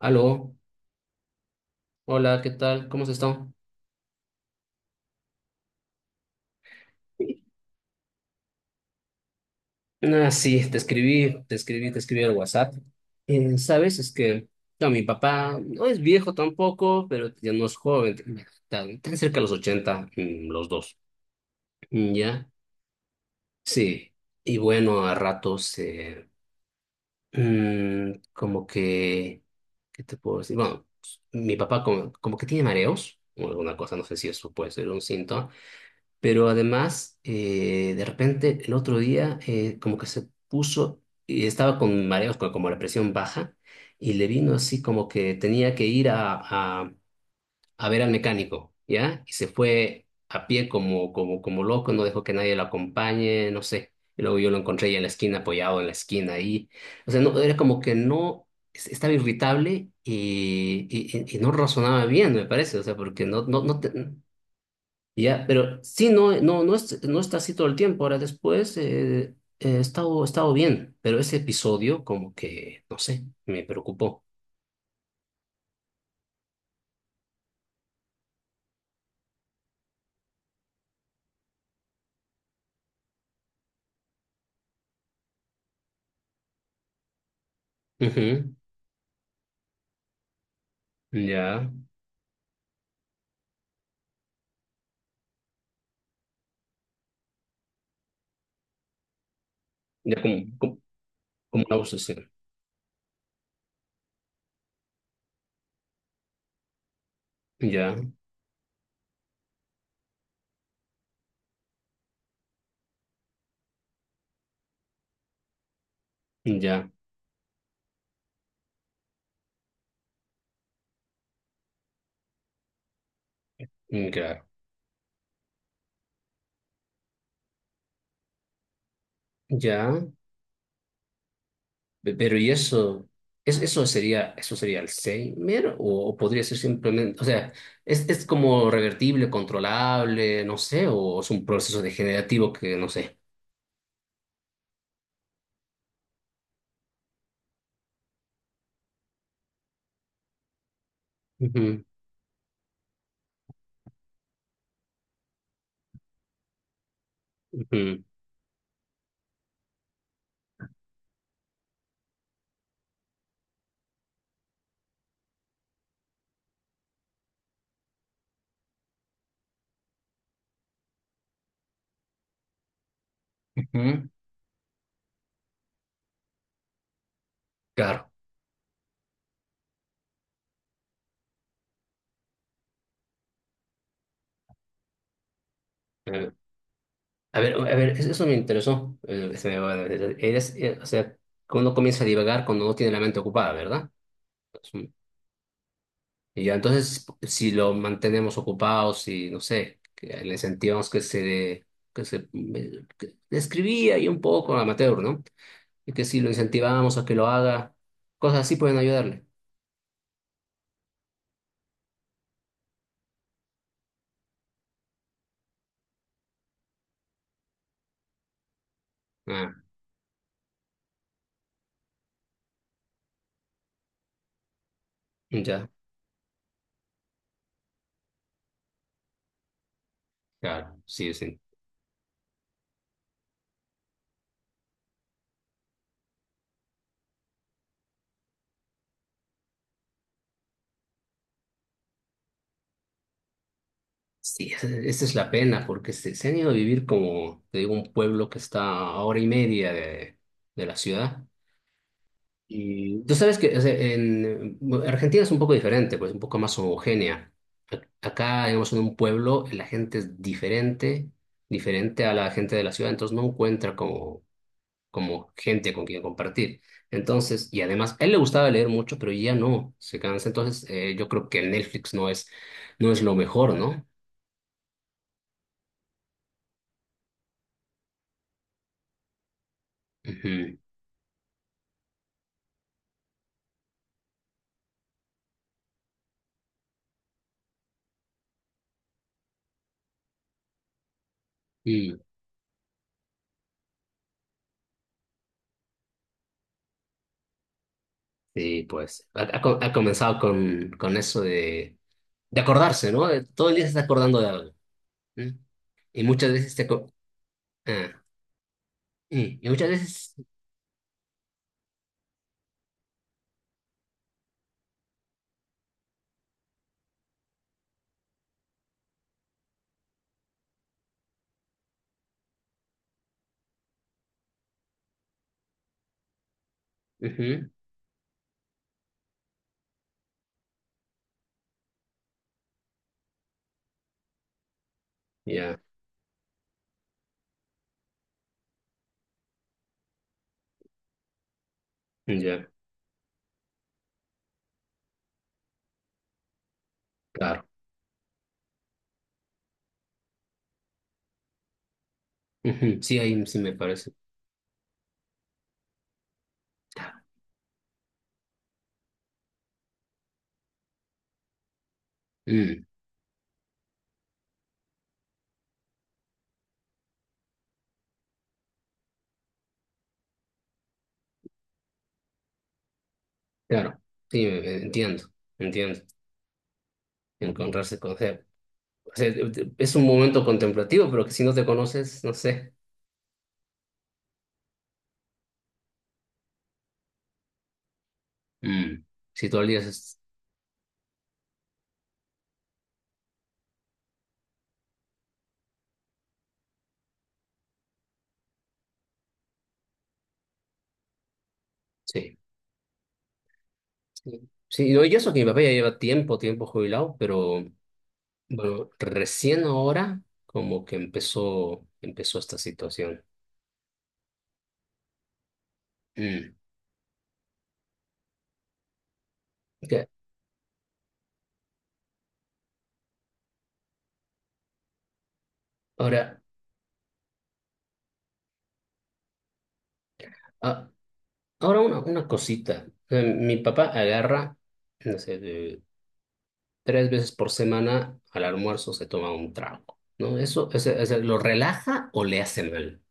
Aló, hola, ¿qué tal? ¿Cómo has estado? Ah, sí, te escribí al WhatsApp. ¿Sabes? Es que no, mi papá no es viejo tampoco, pero ya no es joven, tan, tan cerca de los 80, los dos. Mm, ¿ya? Sí. Y bueno, a ratos, como que, ¿qué te puedo decir? Bueno, mi papá como que tiene mareos o alguna cosa, no sé si eso puede ser un síntoma. Pero además, de repente, el otro día, como que se puso, y estaba con mareos, como la presión baja, y le vino así como que tenía que ir a ver al mecánico, ¿ya? Y se fue a pie como loco, no dejó que nadie lo acompañe, no sé. Y luego yo lo encontré ahí en la esquina, apoyado en la esquina ahí. O sea, no, era como que no, estaba irritable y no razonaba bien, me parece, o sea, porque no, no, no, ya, pero sí, no está así todo el tiempo. Ahora después, he estado bien, pero ese episodio como que, no sé, me preocupó. Ujú. Ya, ya como una obsesión. Ya, ya, mm, claro. Ya, pero ¿y eso? ¿Es, eso sería Alzheimer o podría ser simplemente? O sea, es como revertible, controlable, no sé, o es un proceso degenerativo, que no sé. Ujú, ujú, ujú. Claro. Eh, a ver, eso me interesó. Eres, o sea, uno comienza a divagar cuando no tiene la mente ocupada, ¿verdad? Es un... Y ya, entonces, si lo mantenemos ocupado, si, no sé, que le incentivamos que se, que se, que escribía ahí un poco amateur, ¿no? Y que si lo incentivamos a que lo haga, cosas así pueden ayudarle. Ah, ya, claro, sí, sí. Sí, esa es la pena, porque se han ido a vivir, como te digo, un pueblo que está a hora y media de la ciudad. Y tú sabes que, o sea, en bueno, Argentina es un poco diferente, pues un poco más homogénea. A... acá, digamos, en un pueblo la gente es diferente, diferente a la gente de la ciudad, entonces no encuentra como, como gente con quien compartir. Entonces, y además, a él le gustaba leer mucho, pero ya no, se cansa. Entonces, yo creo que el Netflix no es, no es lo mejor, ¿no? Ujú. Sí, pues ha comenzado con eso de acordarse, ¿no? Todo el día se está acordando de algo. ¿M? Y muchas veces te... ah, y muchas veces... Ujú. Ya, ya, claro. Ujú. Sí, ahí sí me parece. Mm, claro. Sí, entiendo, entiendo. Encontrarse con... O sea, es un momento contemplativo, pero que si no te conoces, no sé. Mm, si todo el día... sí, sí. Sí, no, y eso que mi papá ya lleva tiempo, tiempo jubilado, pero... Bueno, recién ahora como que empezó esta situación. Mm. Que... ahora, ah, ahora una cosita. O sea, mi papá agarra, no sé, tres veces por semana, al almuerzo, se toma un trago, ¿no? ¿Eso, ese lo relaja o le hace mal?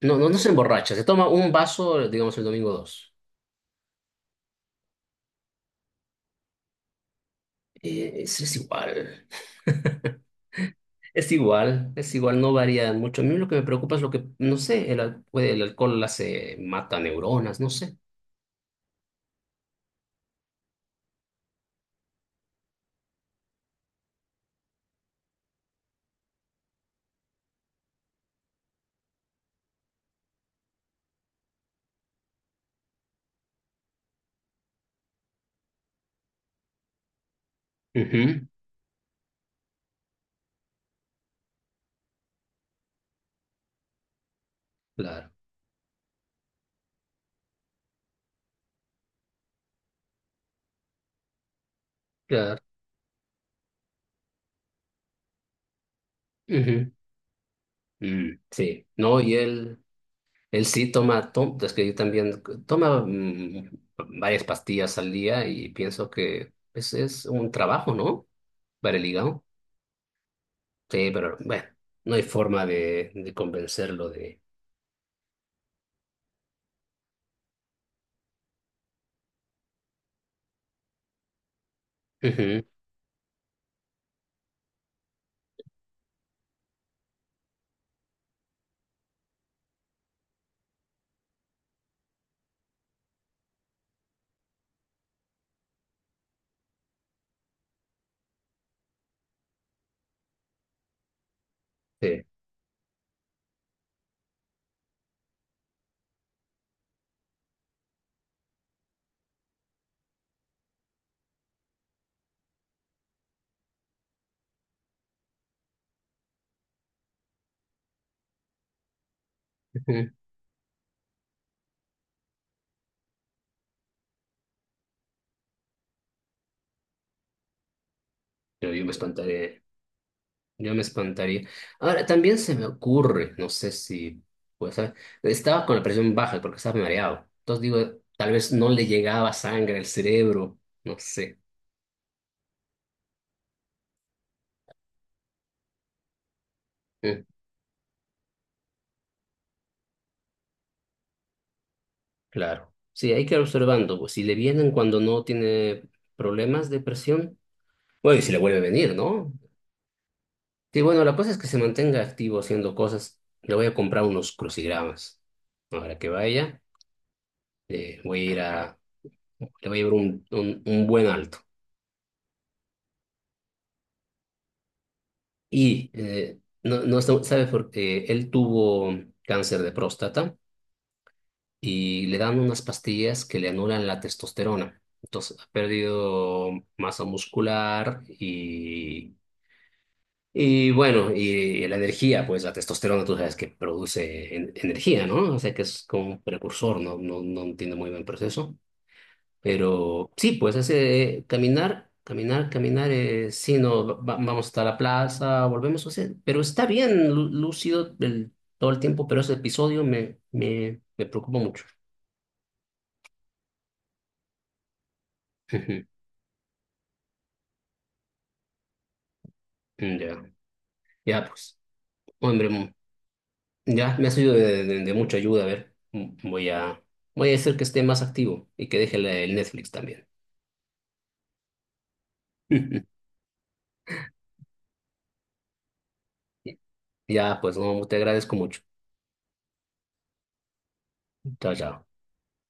No, no, no se emborracha, se toma un vaso, digamos, el domingo dos. Es igual. Es igual, es igual, no varía mucho. A mí lo que me preocupa es lo que, no sé, el alcohol, hace, mata neuronas, no sé. Ujú. Claro, claro. Ujú, mm, sí, no, y él sí toma, es que yo también... toma, varias pastillas al día, y pienso que ese es un trabajo, ¿no? Para el hígado. Sí, pero bueno, no hay forma de convencerlo de... Ujú, sí, ujú. Pero yo me espantaría. Yo me espantaría. Ahora, también se me ocurre, no sé si, pues, estaba con la presión baja porque estaba mareado. Entonces digo, tal vez no le llegaba sangre al cerebro, no sé. Mm, claro. Sí, hay que ir observando, pues, si le vienen cuando no tiene problemas de presión, bueno, y si le vuelve a venir, ¿no? Sí, bueno, la cosa es que se mantenga activo haciendo cosas. Le voy a comprar unos crucigramas. Ahora que vaya, voy a ir a, le voy a llevar un, un buen alto. Y no, sabe por qué él tuvo cáncer de próstata, y le dan unas pastillas que le anulan la testosterona. Entonces ha perdido masa muscular y bueno, y la energía, pues la testosterona tú sabes que produce energía, ¿no? O sea que es como un precursor, no, no tiene muy buen proceso. Pero sí, pues hace, caminar, caminar, caminar, sí, no, vamos hasta la plaza, volvemos a hacer, pero está bien lúcido todo el tiempo, pero ese episodio me, me preocupa mucho. Ujú. Ya, ya, pues, hombre, ya me ha sido de, de mucha ayuda. A ver, voy a, voy a hacer que esté más activo y que deje el Netflix también. Ya, pues, no, te agradezco mucho. Chao, chao.